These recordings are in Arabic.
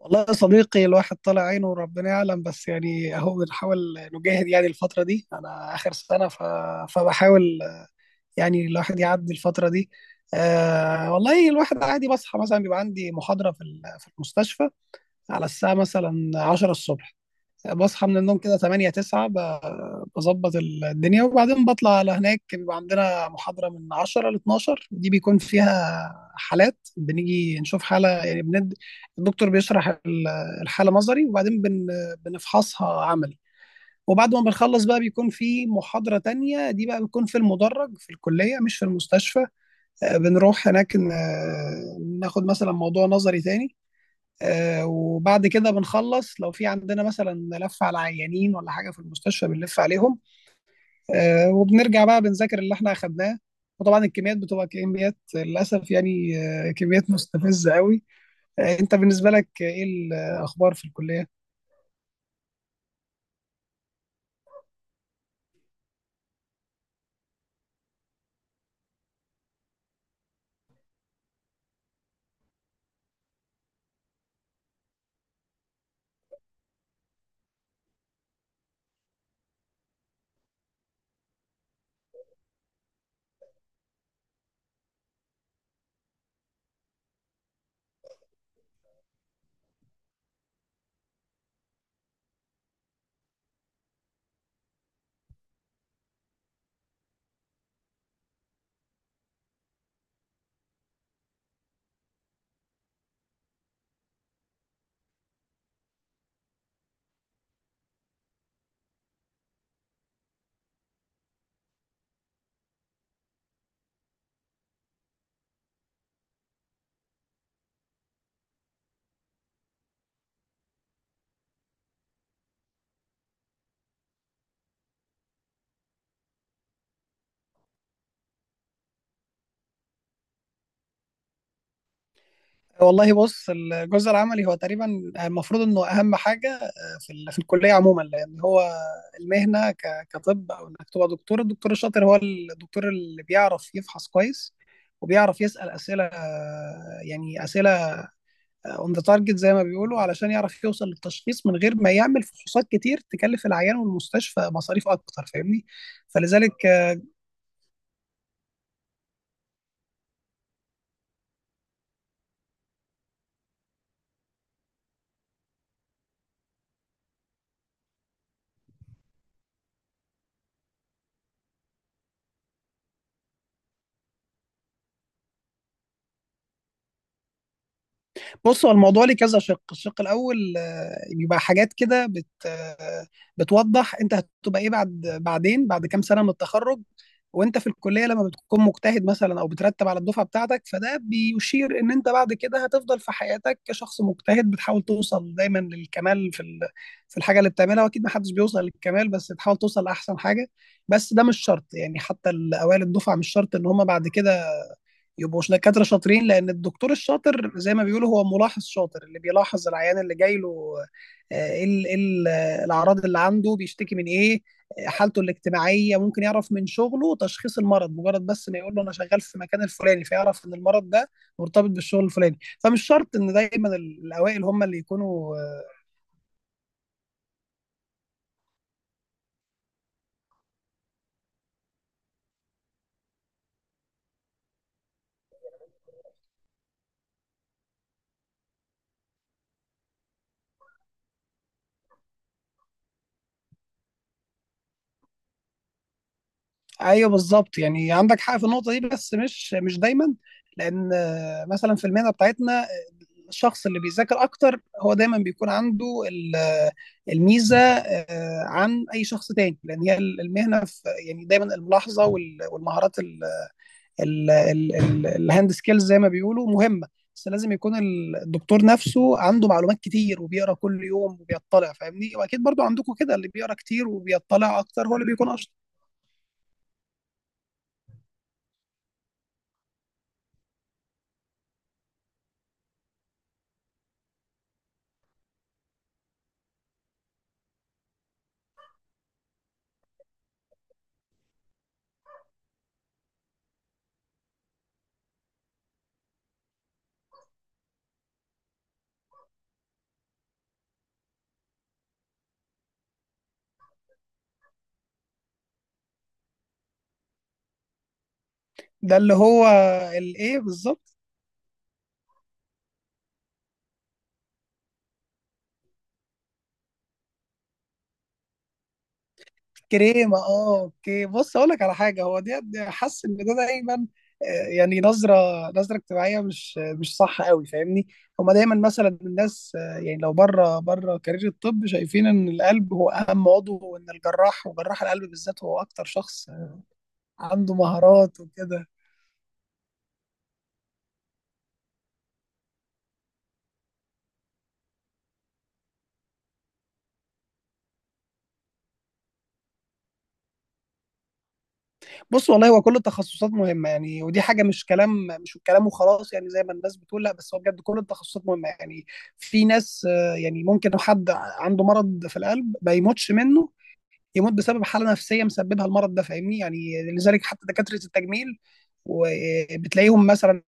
والله يا صديقي الواحد طالع عينه وربنا يعلم، بس يعني اهو بنحاول نجاهد، يعني الفترة دي انا اخر سنة فبحاول يعني الواحد يعدي الفترة دي. آه والله الواحد عادي بصحى مثلا، بيبقى عندي محاضرة في المستشفى على الساعة مثلا 10 الصبح، بصحى من النوم كده 8 9 بظبط الدنيا، وبعدين بطلع على هناك. بيبقى عندنا محاضرة من 10 ل 12، دي بيكون فيها حالات، بنيجي نشوف حالة يعني الدكتور بيشرح الحالة نظري، وبعدين بنفحصها عملي. وبعد ما بنخلص بقى بيكون في محاضرة تانية، دي بقى بتكون في المدرج في الكلية مش في المستشفى. بنروح هناك ناخد مثلا موضوع نظري تاني. وبعد كده بنخلص لو في عندنا مثلا لف على عيانين ولا حاجه في المستشفى بنلف عليهم. وبنرجع بقى بنذاكر اللي احنا اخدناه، وطبعا الكميات بتبقى كميات للاسف يعني. كميات مستفزه قوي. انت بالنسبه لك ايه الاخبار في الكليه؟ والله بص، الجزء العملي هو تقريبا المفروض انه اهم حاجه في الكليه عموما، لان هو المهنه كطب، او انك تبقى دكتور. الدكتور الشاطر هو الدكتور اللي بيعرف يفحص كويس، وبيعرف يسال اسئله، يعني اسئله اون ذا تارجت زي ما بيقولوا، علشان يعرف يوصل للتشخيص من غير ما يعمل فحوصات كتير تكلف العيان والمستشفى مصاريف اكتر، فاهمني؟ فلذلك بص، هو الموضوع ليه كذا شق. الشق الاول بيبقى حاجات كده بت آه، بتوضح انت هتبقى ايه بعد، بعدين بعد كام سنه من التخرج. وانت في الكليه لما بتكون مجتهد مثلا او بترتب على الدفعه بتاعتك، فده بيشير ان انت بعد كده هتفضل في حياتك كشخص مجتهد بتحاول توصل دايما للكمال في الحاجه اللي بتعملها. واكيد ما حدش بيوصل للكمال، بس تحاول توصل لاحسن حاجه. بس ده مش شرط يعني، حتى الاوائل الدفعه مش شرط ان هم بعد كده يبقوا دكاترة شاطرين، لأن الدكتور الشاطر زي ما بيقولوا هو ملاحظ شاطر، اللي بيلاحظ العيان اللي جاي له ايه ال- إيه ال- آه، الأعراض اللي عنده، بيشتكي من ايه، حالته الاجتماعية، ممكن يعرف من شغله تشخيص المرض. مجرد بس ما يقول له أنا شغال في المكان الفلاني، فيعرف إن المرض ده مرتبط بالشغل الفلاني. فمش شرط إن دايما الأوائل هم اللي يكونوا ايوه بالظبط يعني، عندك حق في النقطه دي، بس مش دايما، لان مثلا في المهنه بتاعتنا الشخص اللي بيذاكر اكتر هو دايما بيكون عنده ال- آه، الميزه عن اي شخص تاني، لان هي المهنه في، يعني دايما الملاحظه والمهارات الهاند سكيلز زي ما بيقولوا مهمه. بس لازم يكون الدكتور نفسه عنده معلومات كتير وبيقرا كل يوم وبيطلع، فاهمني؟ واكيد برضو عندكم كده، اللي بيقرا كتير وبيطلع اكتر هو اللي بيكون. ده اللي هو الايه بالظبط؟ كريمه، اه اوكي. بص اقول لك على حاجه، هو دي حاسس ان ده دايما يعني نظره، نظره اجتماعيه مش صح قوي، فاهمني؟ هما دايما مثلا الناس يعني لو بره بره كارير الطب شايفين ان القلب هو اهم عضو، وان الجراح وجراح القلب بالذات هو اكتر شخص عنده مهارات وكده. بص والله هو كل التخصصات مهمة يعني، ودي حاجة مش كلام، مش كلام وخلاص يعني زي ما الناس بتقول، لا بس هو بجد كل التخصصات مهمة يعني. في ناس يعني ممكن لو حد عنده مرض في القلب ما يموتش منه، يموت بسبب حالة نفسية مسببها المرض ده، فاهمني يعني؟ لذلك حتى دكاترة التجميل، وبتلاقيهم مثلا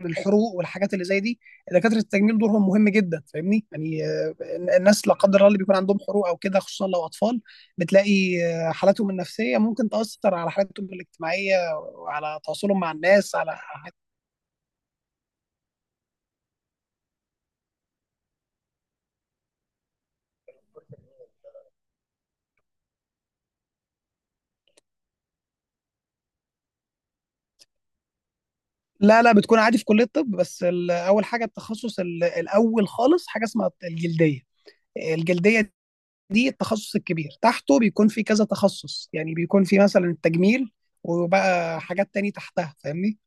الحروق والحاجات اللي زي دي، دكاتره التجميل دورهم مهم جدا، فاهمني يعني؟ الناس لا قدر الله اللي بيكون عندهم حروق او كده، خصوصا لو اطفال، بتلاقي حالاتهم النفسيه ممكن تاثر على حالاتهم الاجتماعيه وعلى تواصلهم مع الناس على. لا لا، بتكون عادي في كليه الطب. بس اول حاجه التخصص الاول خالص حاجه اسمها الجلديه. الجلديه دي التخصص الكبير، تحته بيكون في كذا تخصص، يعني بيكون في مثلا التجميل، وبقى حاجات تاني تحتها، فاهمني؟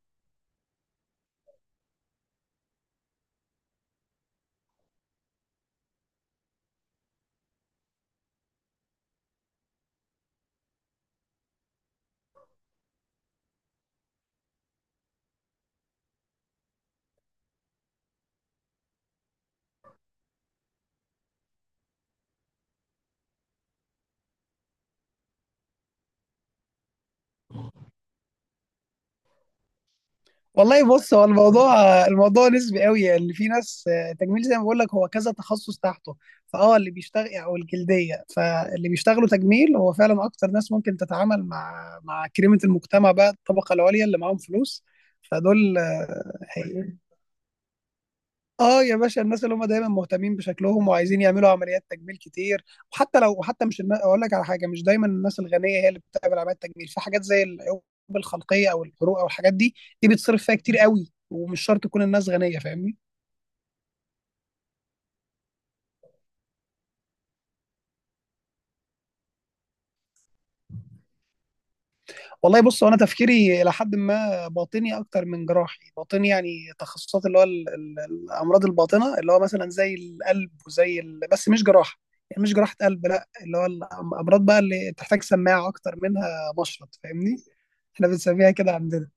والله بص هو الموضوع، الموضوع نسبي قوي يعني، اللي في ناس تجميل زي ما بقول لك هو كذا تخصص تحته، فاه اللي بيشتغل او الجلديه. فاللي بيشتغلوا تجميل هو فعلا اكتر ناس ممكن تتعامل مع كريمه المجتمع بقى، الطبقه العليا اللي معاهم فلوس. فدول اه يا باشا، الناس اللي هم دايما مهتمين بشكلهم وعايزين يعملوا عمليات تجميل كتير. وحتى لو، وحتى مش اقول لك على حاجه، مش دايما الناس الغنيه هي اللي بتعمل عمليات تجميل، في حاجات زي العيوب الخلقيه او الحروق او الحاجات دي، دي بتصرف فيها كتير قوي ومش شرط تكون الناس غنيه، فاهمني؟ والله بص هو انا تفكيري الى حد ما باطني اكتر من جراحي. باطني يعني تخصصات اللي هو الامراض الباطنه، اللي هو مثلا زي القلب وزي ال... بس مش جراحه، يعني مش جراحه قلب، لا اللي هو الامراض بقى اللي بتحتاج سماعه اكتر منها مشرط، فاهمني؟ احنا بنسميها كده عندنا.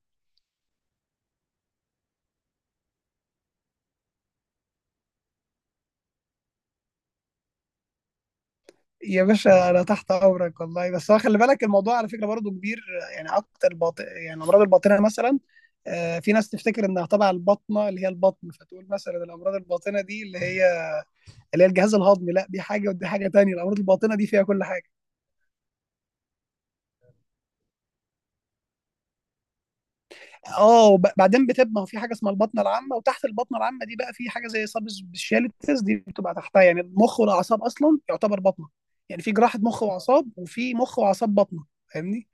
يا باشا انا تحت امرك والله، بس هو خلي بالك الموضوع على فكره برضه كبير، يعني اكتر باطن، يعني امراض الباطنه مثلا في ناس تفتكر انها تبع البطنه اللي هي البطن، فتقول مثلا الامراض الباطنه دي اللي هي، اللي هي الجهاز الهضمي. لا، دي حاجه ودي حاجه تانية، الامراض الباطنه دي فيها كل حاجه. اه بعدين بتبقى في حاجه اسمها البطنه العامه، وتحت البطنه العامه دي بقى في حاجه زي سب سبيشاليتيز دي بتبقى تحتها. يعني المخ والاعصاب اصلا يعتبر بطنه، يعني في جراحه مخ واعصاب وفي مخ واعصاب بطنه، فاهمني؟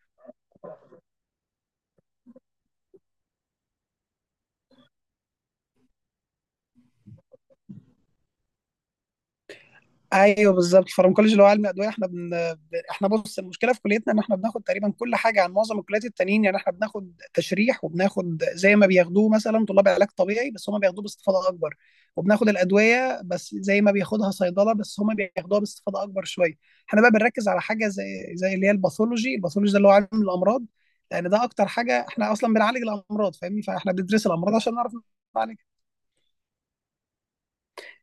ايوه بالظبط الفارماكولوجي اللي هو علم الادويه، احنا بن- احنا بص، المشكله في كليتنا ان احنا بناخد تقريبا كل حاجه عن معظم الكليات التانيين. يعني احنا بناخد تشريح وبناخد زي ما بياخدوه مثلا طلاب علاج طبيعي بس هم بياخدوه باستفاضه اكبر، وبناخد الادويه بس زي ما بياخدها صيدله بس هم بياخدوها باستفاضه اكبر شويه. احنا بقى بنركز على حاجه زي اللي هي الباثولوجي. الباثولوجي ده اللي هو علم الامراض، لان ده اكتر حاجه، احنا اصلا بنعالج الامراض، فاهمني؟ فاحنا بندرس الامراض عشان نعرف نعالج.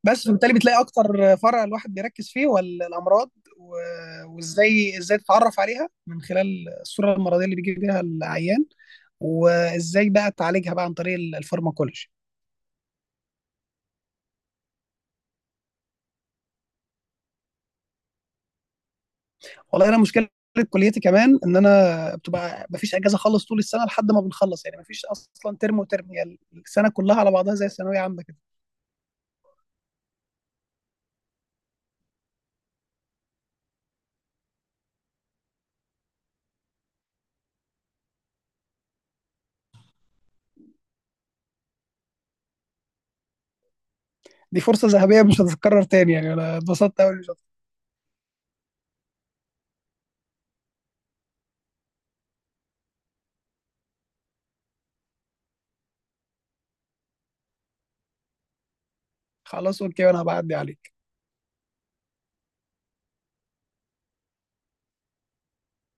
بس فبالتالي بتلاقي اكتر فرع الواحد بيركز فيه هو الامراض، وازاي تتعرف عليها من خلال الصوره المرضيه اللي بيجي بيها العيان، وازاي بقى تعالجها بقى عن طريق الفارماكولوجي. والله انا مشكله كليتي كمان ان انا بتبقى مفيش اجازه خالص طول السنه لحد ما بنخلص، يعني مفيش اصلا ترم وترم، يعني السنه كلها على بعضها زي ثانويه عامه كده. دي فرصه ذهبيه مش هتتكرر تاني يعني، انا اتبسطت قوي. خلاص اوكي وانا هبعدي عليه.